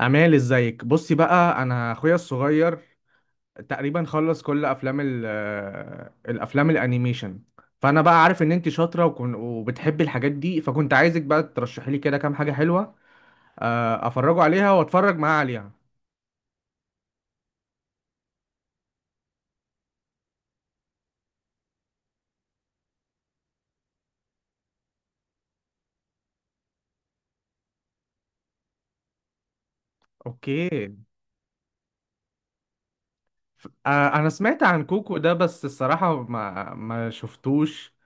امال، ازيك؟ بصي بقى، انا اخويا الصغير تقريبا خلص كل افلام ال آه، الافلام الانيميشن، فانا بقى عارف ان انت شاطره وكن وبتحبي الحاجات دي، فكنت عايزك بقى ترشحي لي كده كام حاجه حلوه، افرجه عليها واتفرج معاه عليها. اوكي. انا سمعت عن كوكو ده، بس الصراحه ما شفتوش.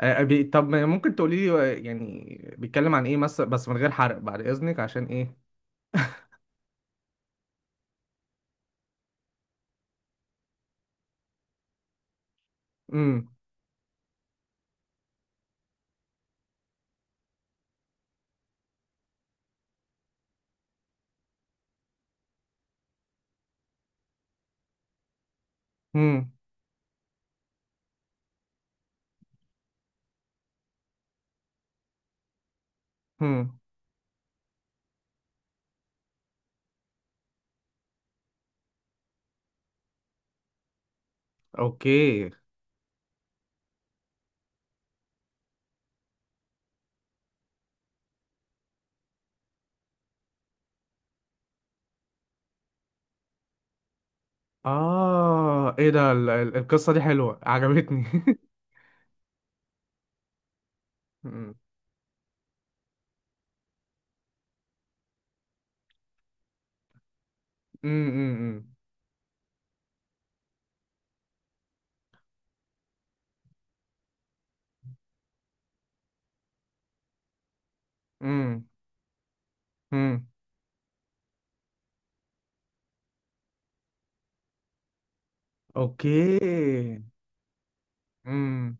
طب ما ممكن تقولي لي، يعني بيتكلم عن ايه مثلا؟ بس من غير حرق بعد اذنك، عشان ايه. امم. امم. اوكي. إيه ده؟ القصة دي حلوة عجبتني. أمم. أمم. أمم. أمم. أوكي. أمم.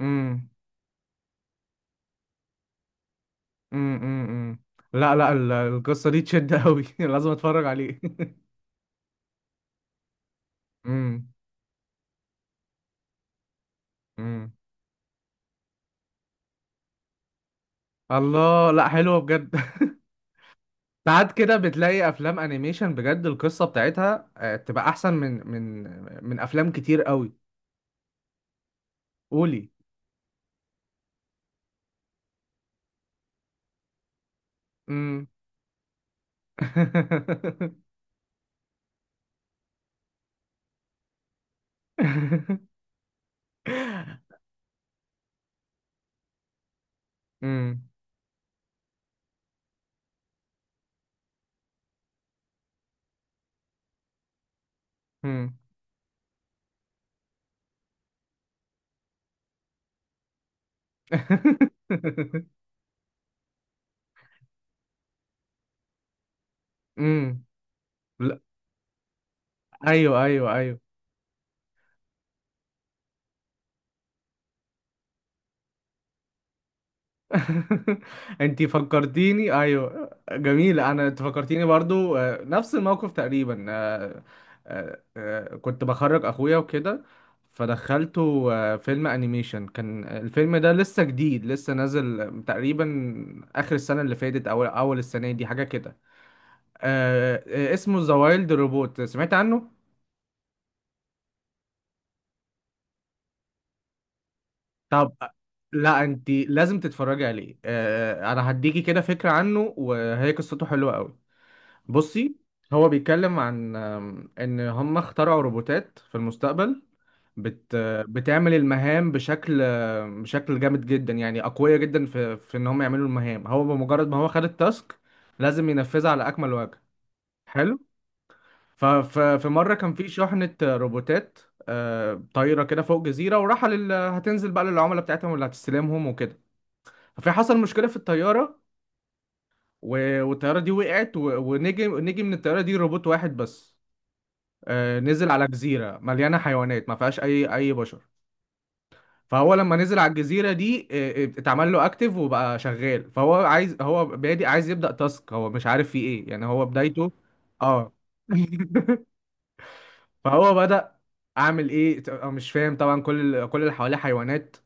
أمم. أمم. أمم. لا لا، القصة دي تشد أوي. لازم أتفرج عليه. أمم. أمم. الله، لا، حلوة بجد. ساعات كده بتلاقي افلام انيميشن بجد، القصه بتاعتها تبقى احسن من افلام كتير قوي. قولي. امم. امم. امم. امم. لا. ايوه ايوه ايوه. انتي فكرتيني، ايوه جميل، انت فكرتيني برضو نفس الموقف تقريبا. كنت بخرج اخويا وكده، فدخلته فيلم انيميشن. كان الفيلم ده لسه جديد، لسه نازل تقريبا اخر السنه اللي فاتت او اول السنه دي، حاجه كده. اسمه ذا وايلد روبوت، سمعت عنه؟ طب، لا، انت لازم تتفرجي عليه. انا هديكي كده فكرة عنه، وهي قصته حلوة قوي. بصي، هو بيتكلم عن، ان هم اخترعوا روبوتات في المستقبل، بت بتعمل المهام بشكل، بشكل جامد جدا، يعني اقوياء جدا في ان هم يعملوا المهام. هو بمجرد ما هو خد التاسك لازم ينفذها على اكمل وجه. حلو. ففي مرة كان في شحنة روبوتات طايرة كده فوق جزيرة، هتنزل بقى للعملاء بتاعتهم اللي هتستلمهم وكده، فحصل مشكلة في الطيارة والطيارة دي وقعت، ونجي نجي من الطيارة دي روبوت واحد بس، نزل على جزيرة مليانة حيوانات، ما فيهاش أي بشر. فهو لما نزل على الجزيرة دي اتعمل له اكتف وبقى شغال، فهو عايز، هو بادئ عايز يبدأ تاسك، هو مش عارف فيه ايه، يعني هو بدايته. اه. فهو بدأ، اعمل ايه؟ أنا مش فاهم طبعا، كل كل اللي حواليه حيوانات،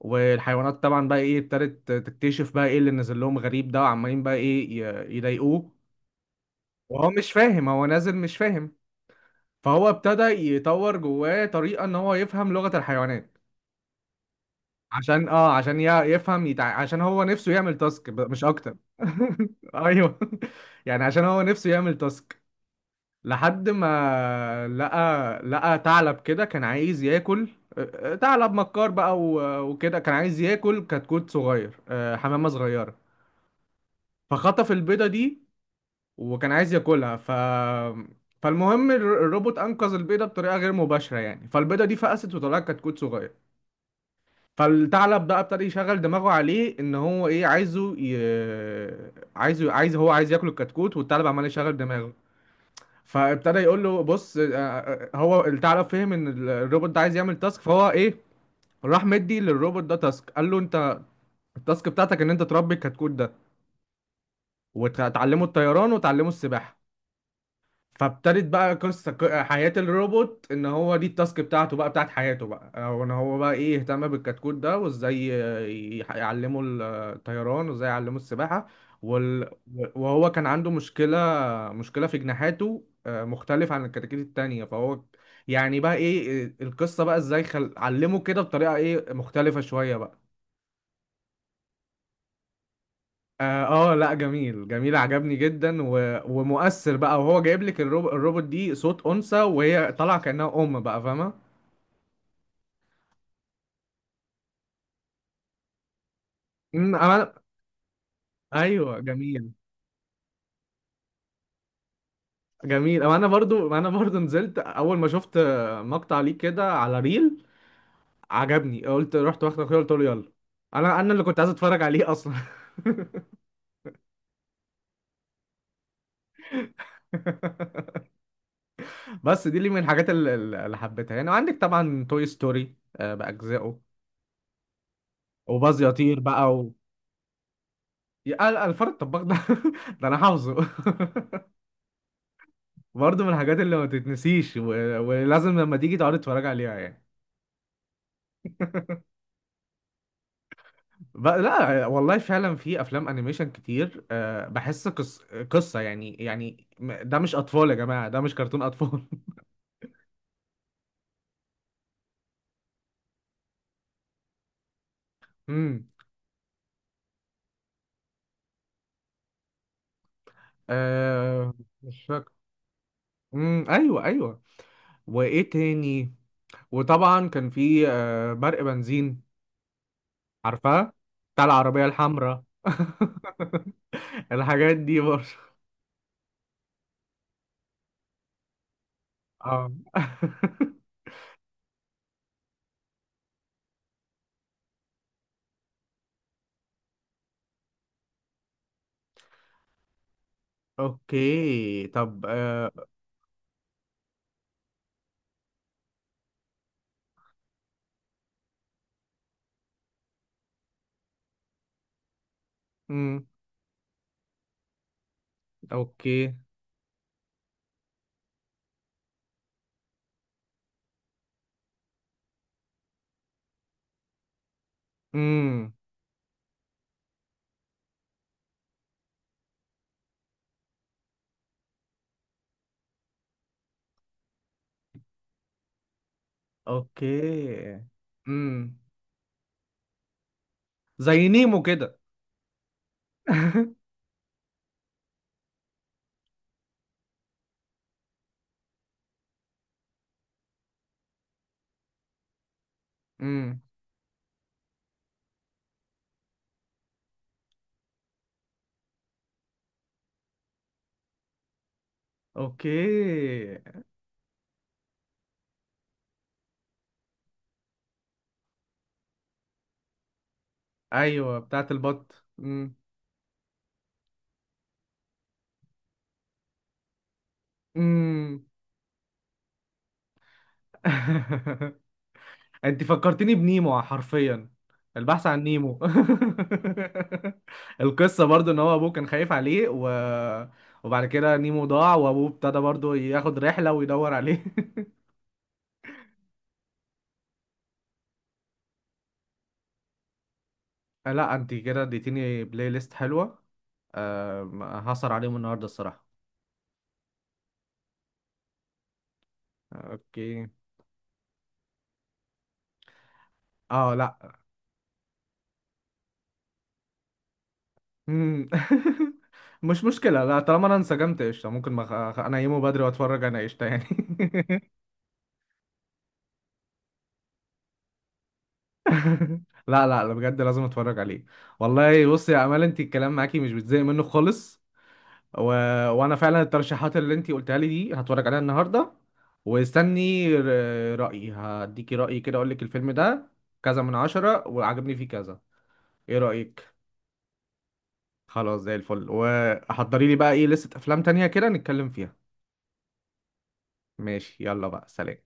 والحيوانات طبعا بقى ايه، ابتدت تكتشف بقى ايه اللي نزل لهم غريب ده، وعمالين بقى ايه يضايقوه، وهو مش فاهم، هو نازل مش فاهم. فهو ابتدى يطور جواه طريقة ان هو يفهم لغة الحيوانات، عشان يفهم عشان هو نفسه يعمل تاسك، مش اكتر. ايوه، يعني عشان هو نفسه يعمل تاسك، لحد ما لقى، لقى ثعلب كده كان عايز ياكل. ثعلب مكار بقى وكده، كان عايز ياكل كتكوت صغير، حمامة صغيرة، فخطف البيضة دي وكان عايز ياكلها. فالمهم الروبوت انقذ البيضه بطريقه غير مباشره، يعني فالبيضه دي فقست وطلعت كتكوت صغير. فالثعلب بقى ابتدى يشغل دماغه عليه ان هو ايه عايزه، عايزه، عايز، هو عايز ياكل الكتكوت، والثعلب عمال يشغل دماغه. فابتدى يقول له، بص، هو الثعلب فهم ان الروبوت ده عايز يعمل تاسك، فهو ايه، راح مدي للروبوت ده تاسك، قال له، انت التاسك بتاعتك ان انت تربي الكتكوت ده وتعلمه الطيران وتعلمه السباحه. فابتدت بقى قصة، حياة الروبوت ان هو دي التاسك بتاعته بقى، بتاعت حياته بقى، او ان هو بقى ايه، يهتم بالكتكوت ده وازاي يعلمه الطيران وازاي يعلمه السباحة وال... وهو كان عنده مشكلة، مشكلة في جناحاته، مختلف عن الكتاكيت التانية، فهو يعني بقى ايه، القصة بقى ازاي علمه كده بطريقة ايه مختلفة شوية بقى. اه. لا جميل جميل، عجبني جدا، و... ومؤثر بقى. وهو جايب لك الروبوت دي صوت انثى، وهي طالعه كانها ام بقى، فاهمه. امم. انا، ايوه جميل جميل. أما انا برضو نزلت اول ما شفت مقطع ليه كده على ريل، عجبني، قلت رحت واخد اخويا، قلت له يلا، انا اللي كنت عايز اتفرج عليه اصلا. بس دي اللي من الحاجات اللي حبيتها يعني، وعندك طبعا توي ستوري باجزائه وباز يطير بقى. يا قال الفار الطباخ ده! ده انا حافظه. برضه من الحاجات اللي ما تتنسيش، و... ولازم لما تيجي تقعد تتفرج عليها يعني. لا والله فعلا في افلام انيميشن كتير، بحس قصه يعني ده مش اطفال يا جماعه، ده مش كرتون اطفال. امم. أه. مش فاكر. امم، ايوه ايوه. وايه تاني؟ وطبعا كان في برق بنزين، عارفاه، بتاع العربيه الحمراء. الحاجات دي برضه. اه. اوكي، طب. امم. اوكي. امم. اوكي. امم. زي نيمو كده. امم. اوكي. ايوه، بتاعت البط. امم. امم. انت فكرتني بنيمو حرفيا، البحث عن نيمو. القصة برضو ان هو ابوه كان خايف عليه، و... وبعد كده نيمو ضاع، وابوه ابتدى برضو ياخد رحلة ويدور عليه. لا، انت كده اديتيني بلاي ليست حلوة. هسهر عليهم النهاردة الصراحة. اوكي. اه، لا. مم. مش مشكلة، لا طالما انا انسجمت قشطة، ممكن ما انيمه بدري واتفرج انا قشطة يعني. لا لا لا، بجد لازم اتفرج عليه. والله بصي يا امال، انت الكلام معاكي مش بتزهق منه خالص، و... وانا فعلا الترشيحات اللي انت قلتها لي دي هتفرج عليها النهاردة، واستني رأيي، هديكي رأيي كده، اقول لك الفيلم ده كذا من 10، وعجبني فيه كذا. ايه رأيك؟ خلاص، زي الفل، وحضري لي بقى ايه لستة افلام تانية كده نتكلم فيها. ماشي، يلا بقى، سلام.